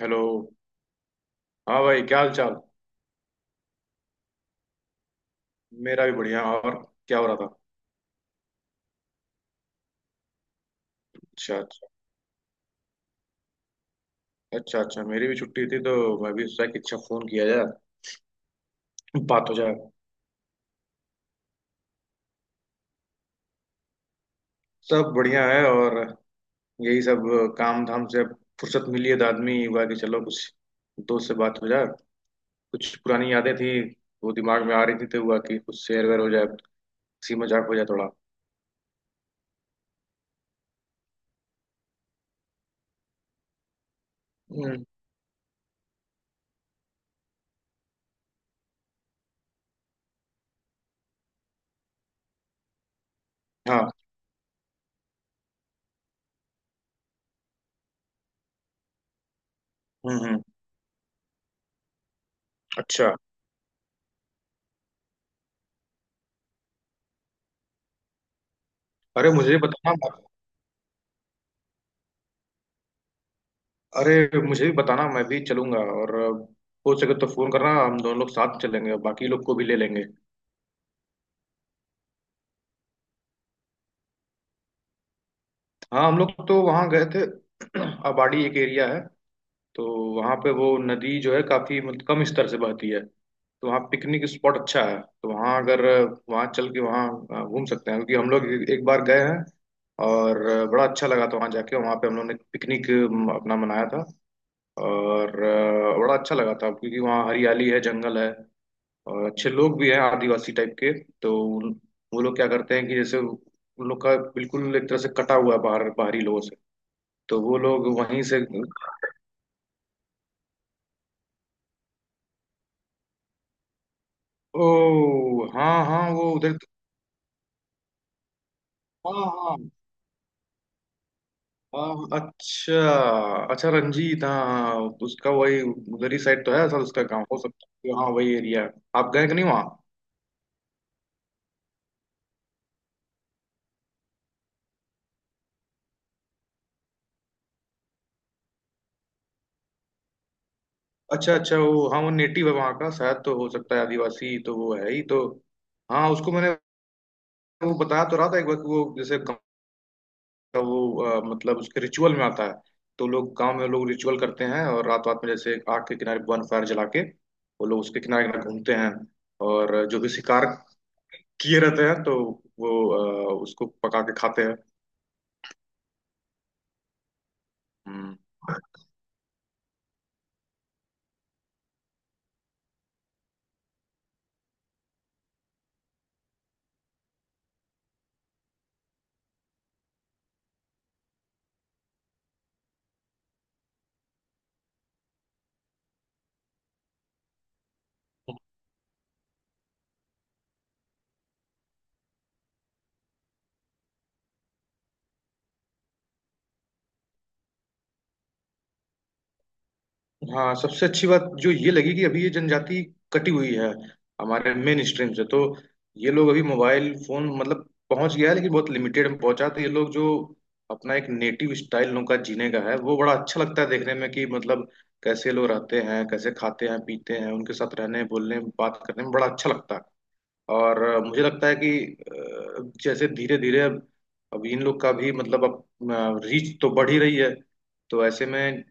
Hello. हाँ भाई, क्या हाल चाल। मेरा भी बढ़िया। और क्या हो रहा था। अच्छा अच्छा। अच्छा अच्छा, मेरी भी छुट्टी थी तो मैं भी सोचा कि अच्छा, फोन किया जाए, बात हो जाए। सब बढ़िया है। और यही सब काम धाम से अब फुर्सत मिली है तो आदमी हुआ कि चलो कुछ दोस्त से बात हो जाए। कुछ पुरानी यादें थी, वो दिमाग में आ रही थी तो हुआ कि कुछ शेयर वेयर हो जाए, हंसी मजाक हो जाए थोड़ा। हम्म। हाँ। हम्म। अच्छा। अरे मुझे बताना। अरे मुझे भी बताना, मैं भी चलूंगा। और हो सके तो फोन करना, हम दोनों लोग साथ चलेंगे और बाकी लोग को भी ले लेंगे। हाँ, हम लोग तो वहाँ गए थे। अबाड़ी एक एरिया है, तो वहाँ पे वो नदी जो है काफी मतलब कम स्तर से बहती है, तो वहाँ पिकनिक स्पॉट अच्छा है, तो वहाँ अगर वहाँ चल के वहाँ घूम सकते हैं, क्योंकि हम लोग एक एक बार गए हैं। और बड़ा अच्छा लगा था, वहाँ जाके वहाँ पे हम लोग ने पिकनिक अपना मनाया था। और बड़ा अच्छा लगा था, क्योंकि वहाँ हरियाली है, जंगल है, और अच्छे लोग भी हैं, आदिवासी टाइप के। तो उन- वो लोग क्या करते हैं कि जैसे उन लोग का बिल्कुल एक तरह से कटा हुआ है बाहरी लोगों से। तो वो लोग वहीं से। ओ हाँ हाँ, वो उधर। हाँ हाँ। हाँ, अच्छा। अच्छा रंजीत, हाँ। उसका वही उधर ही साइड तो है सर, उसका गाँव हो सकता है कि हाँ, वही एरिया है। आप गए कि नहीं वहाँ। अच्छा अच्छा, वो हाँ वो नेटिव है वहाँ का शायद, तो हो सकता है, आदिवासी तो वो है ही तो। हाँ, उसको मैंने वो बताया तो रहा था एक बार कि वो जैसे का वो मतलब उसके रिचुअल में आता है। तो लोग गांव में लोग रिचुअल करते हैं, और रात रात में जैसे आग के किनारे वन फायर जला के वो लोग उसके किनारे किनारे घूमते हैं। और जो भी शिकार किए रहते हैं तो वो उसको पका के खाते हैं। हम्म। हाँ, सबसे अच्छी बात जो ये लगी कि अभी ये जनजाति कटी हुई है हमारे मेन स्ट्रीम से। तो ये लोग अभी मोबाइल फोन, मतलब पहुंच गया है लेकिन बहुत लिमिटेड में पहुंचा, तो ये लोग जो अपना एक नेटिव स्टाइल उनका जीने का है, वो बड़ा अच्छा लगता है देखने में कि मतलब कैसे लोग रहते हैं, कैसे खाते हैं पीते हैं, उनके साथ रहने बोलने बात करने में बड़ा अच्छा लगता है। और मुझे लगता है कि जैसे धीरे धीरे अब इन लोग का भी मतलब अब रीच तो बढ़ ही रही है, तो ऐसे में।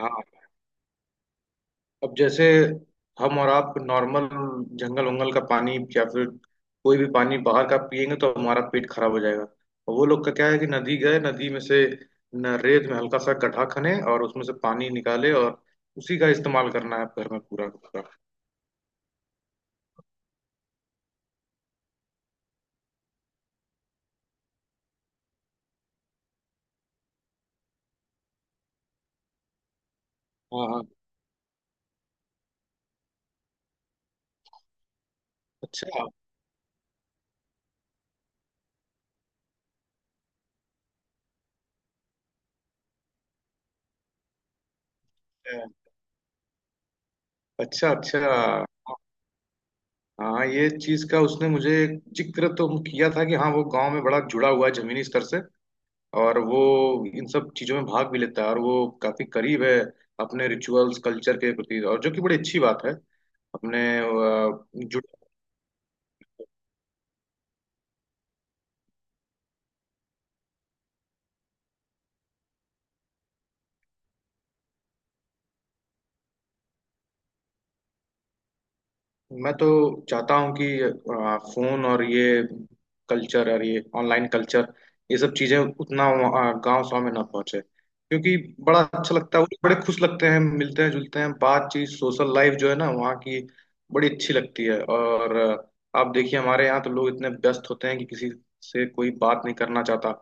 हाँ। अब जैसे हम और आप नॉर्मल जंगल वंगल का पानी या फिर कोई भी पानी बाहर का पिएंगे तो हमारा पेट खराब हो जाएगा। और वो लोग का क्या है कि नदी गए, नदी में से न रेत में हल्का सा गड्ढा खने और उसमें से पानी निकाले, और उसी का इस्तेमाल करना है घर में पूरा का पूरा। हाँ। हाँ। अच्छा अच्छा अच्छा। हाँ, ये चीज का उसने मुझे जिक्र तो किया था कि हाँ, वो गांव में बड़ा जुड़ा हुआ है जमीनी स्तर से, और वो इन सब चीजों में भाग भी लेता है, और वो काफी करीब है अपने रिचुअल्स कल्चर के प्रति, और जो कि बड़ी अच्छी बात है। अपने अ, जुड़ मैं तो चाहता हूँ कि फोन और ये कल्चर और ये ऑनलाइन कल्चर, ये सब चीजें उतना गांव गाँव में ना पहुंचे, क्योंकि बड़ा अच्छा लगता है। वो बड़े खुश लगते हैं, मिलते हैं जुलते हैं, बातचीत सोशल लाइफ जो है ना वहाँ की, बड़ी अच्छी लगती है। और आप देखिए हमारे यहाँ तो लोग इतने व्यस्त होते हैं कि किसी से कोई बात नहीं करना चाहता।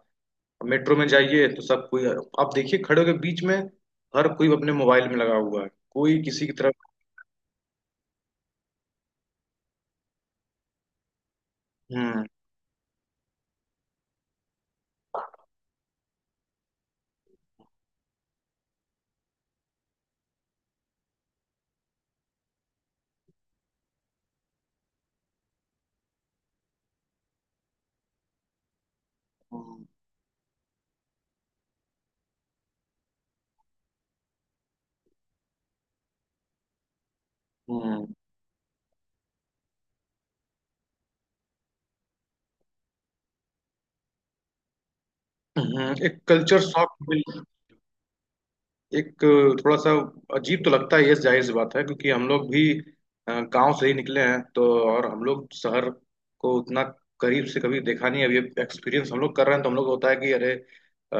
मेट्रो में जाइए तो सब कोई, आप देखिए खड़े होकर बीच में, हर कोई अपने मोबाइल में लगा हुआ है, कोई किसी की तरफ। हम्म हम्म। हम्म। हम्म। एक कल्चर शॉक। एक थोड़ा सा अजीब तो लगता है, ये जाहिर सी बात है, क्योंकि हम लोग भी गांव से ही निकले हैं तो। और हम लोग शहर को उतना करीब से कभी देखा नहीं है, अभी एक्सपीरियंस हम लोग कर रहे हैं तो हम लोग को होता है कि अरे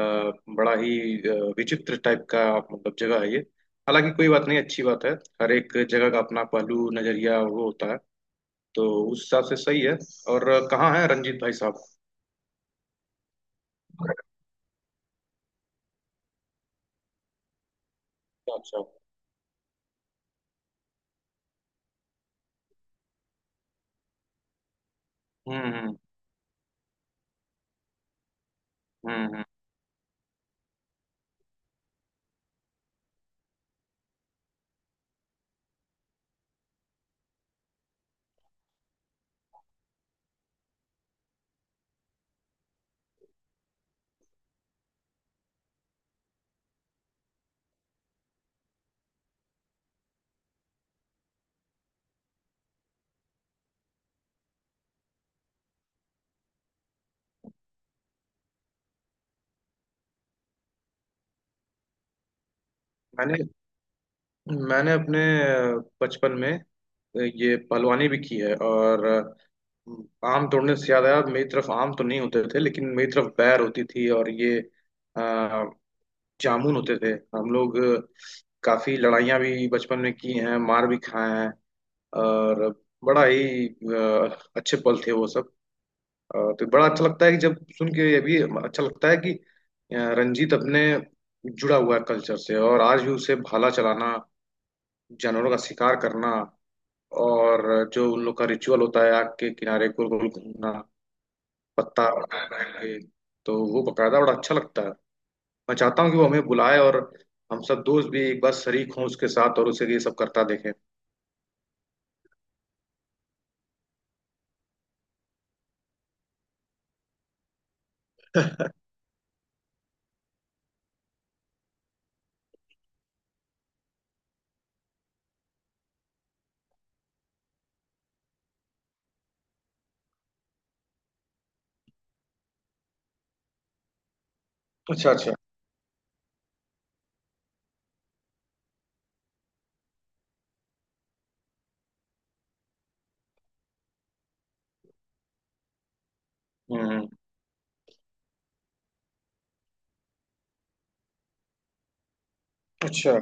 बड़ा ही विचित्र टाइप का मतलब जगह है ये। हालांकि कोई बात नहीं, अच्छी बात है। हर एक जगह का अपना पहलू नजरिया वो होता है, तो उस हिसाब से सही है। और कहाँ है रंजीत भाई साहब। अच्छा अच्छा। हम्म। हम्म हम्म। मैंने मैंने अपने बचपन में ये पहलवानी भी की है, और आम तोड़ने से याद आया, मेरी तरफ आम तो नहीं होते थे लेकिन मेरी तरफ बैर होती थी, और ये अ, जामुन होते थे। हम लोग काफी लड़ाइयाँ भी बचपन में की हैं, मार भी खाए हैं। और बड़ा ही अच्छे पल थे वो सब। तो बड़ा अच्छा लगता है कि जब सुन के ये भी अच्छा लगता है कि रंजीत अपने जुड़ा हुआ है कल्चर से, और आज भी उसे भाला चलाना, जानवरों का शिकार करना, और जो उन लोग का रिचुअल होता है आग के किनारे गोल गोल घूमना, पत्ता बैठ बैठ के, तो वो बकायदा बड़ा अच्छा लगता है। मैं चाहता हूँ कि वो हमें बुलाए और हम सब दोस्त भी एक बार शरीक हों उसके साथ, और उसे ये सब करता देखें। अच्छा अच्छा। हम्म। अच्छा।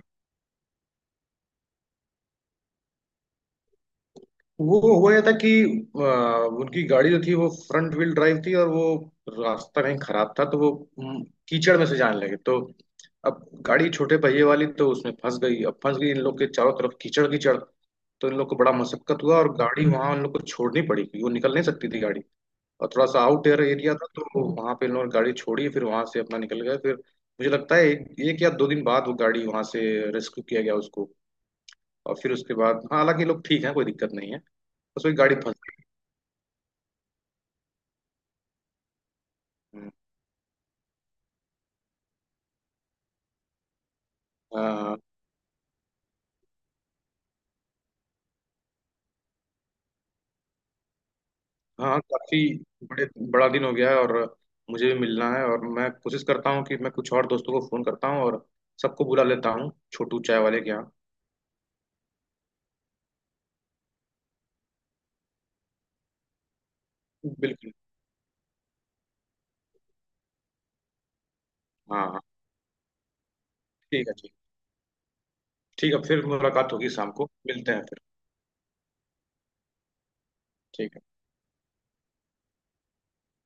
वो हुआ ये था कि उनकी गाड़ी जो थी वो फ्रंट व्हील ड्राइव थी, और वो रास्ता कहीं खराब था, तो वो हम्म, कीचड़ में से जाने लगे तो अब गाड़ी छोटे पहिए वाली तो उसमें फंस गई। अब फंस गई, इन लोग के चारों तरफ कीचड़ कीचड़। तो इन लोग को बड़ा मशक्कत हुआ, और गाड़ी वहां उन लोग को छोड़नी पड़ी क्योंकि वो निकल नहीं सकती थी गाड़ी। और थोड़ा सा आउट एयर एरिया था, तो वहां पे इन लोगों ने गाड़ी छोड़ी, फिर वहां से अपना निकल गए। फिर मुझे लगता है एक या दो दिन बाद वो गाड़ी वहां से रेस्क्यू किया गया उसको। और फिर उसके बाद हाँ, हालांकि ये लोग ठीक है, कोई दिक्कत नहीं है। बस वही गाड़ी फंस। हाँ। हाँ काफी। बड़े बड़ा दिन हो गया है, और मुझे भी मिलना है, और मैं कोशिश करता हूँ कि मैं कुछ और दोस्तों को फोन करता हूँ और सबको बुला लेता हूँ छोटू चाय वाले के यहाँ। बिल्कुल। हाँ हाँ। ठीक है। ठीक। ठीक है, फिर मुलाकात होगी शाम को, मिलते हैं फिर। ठीक है।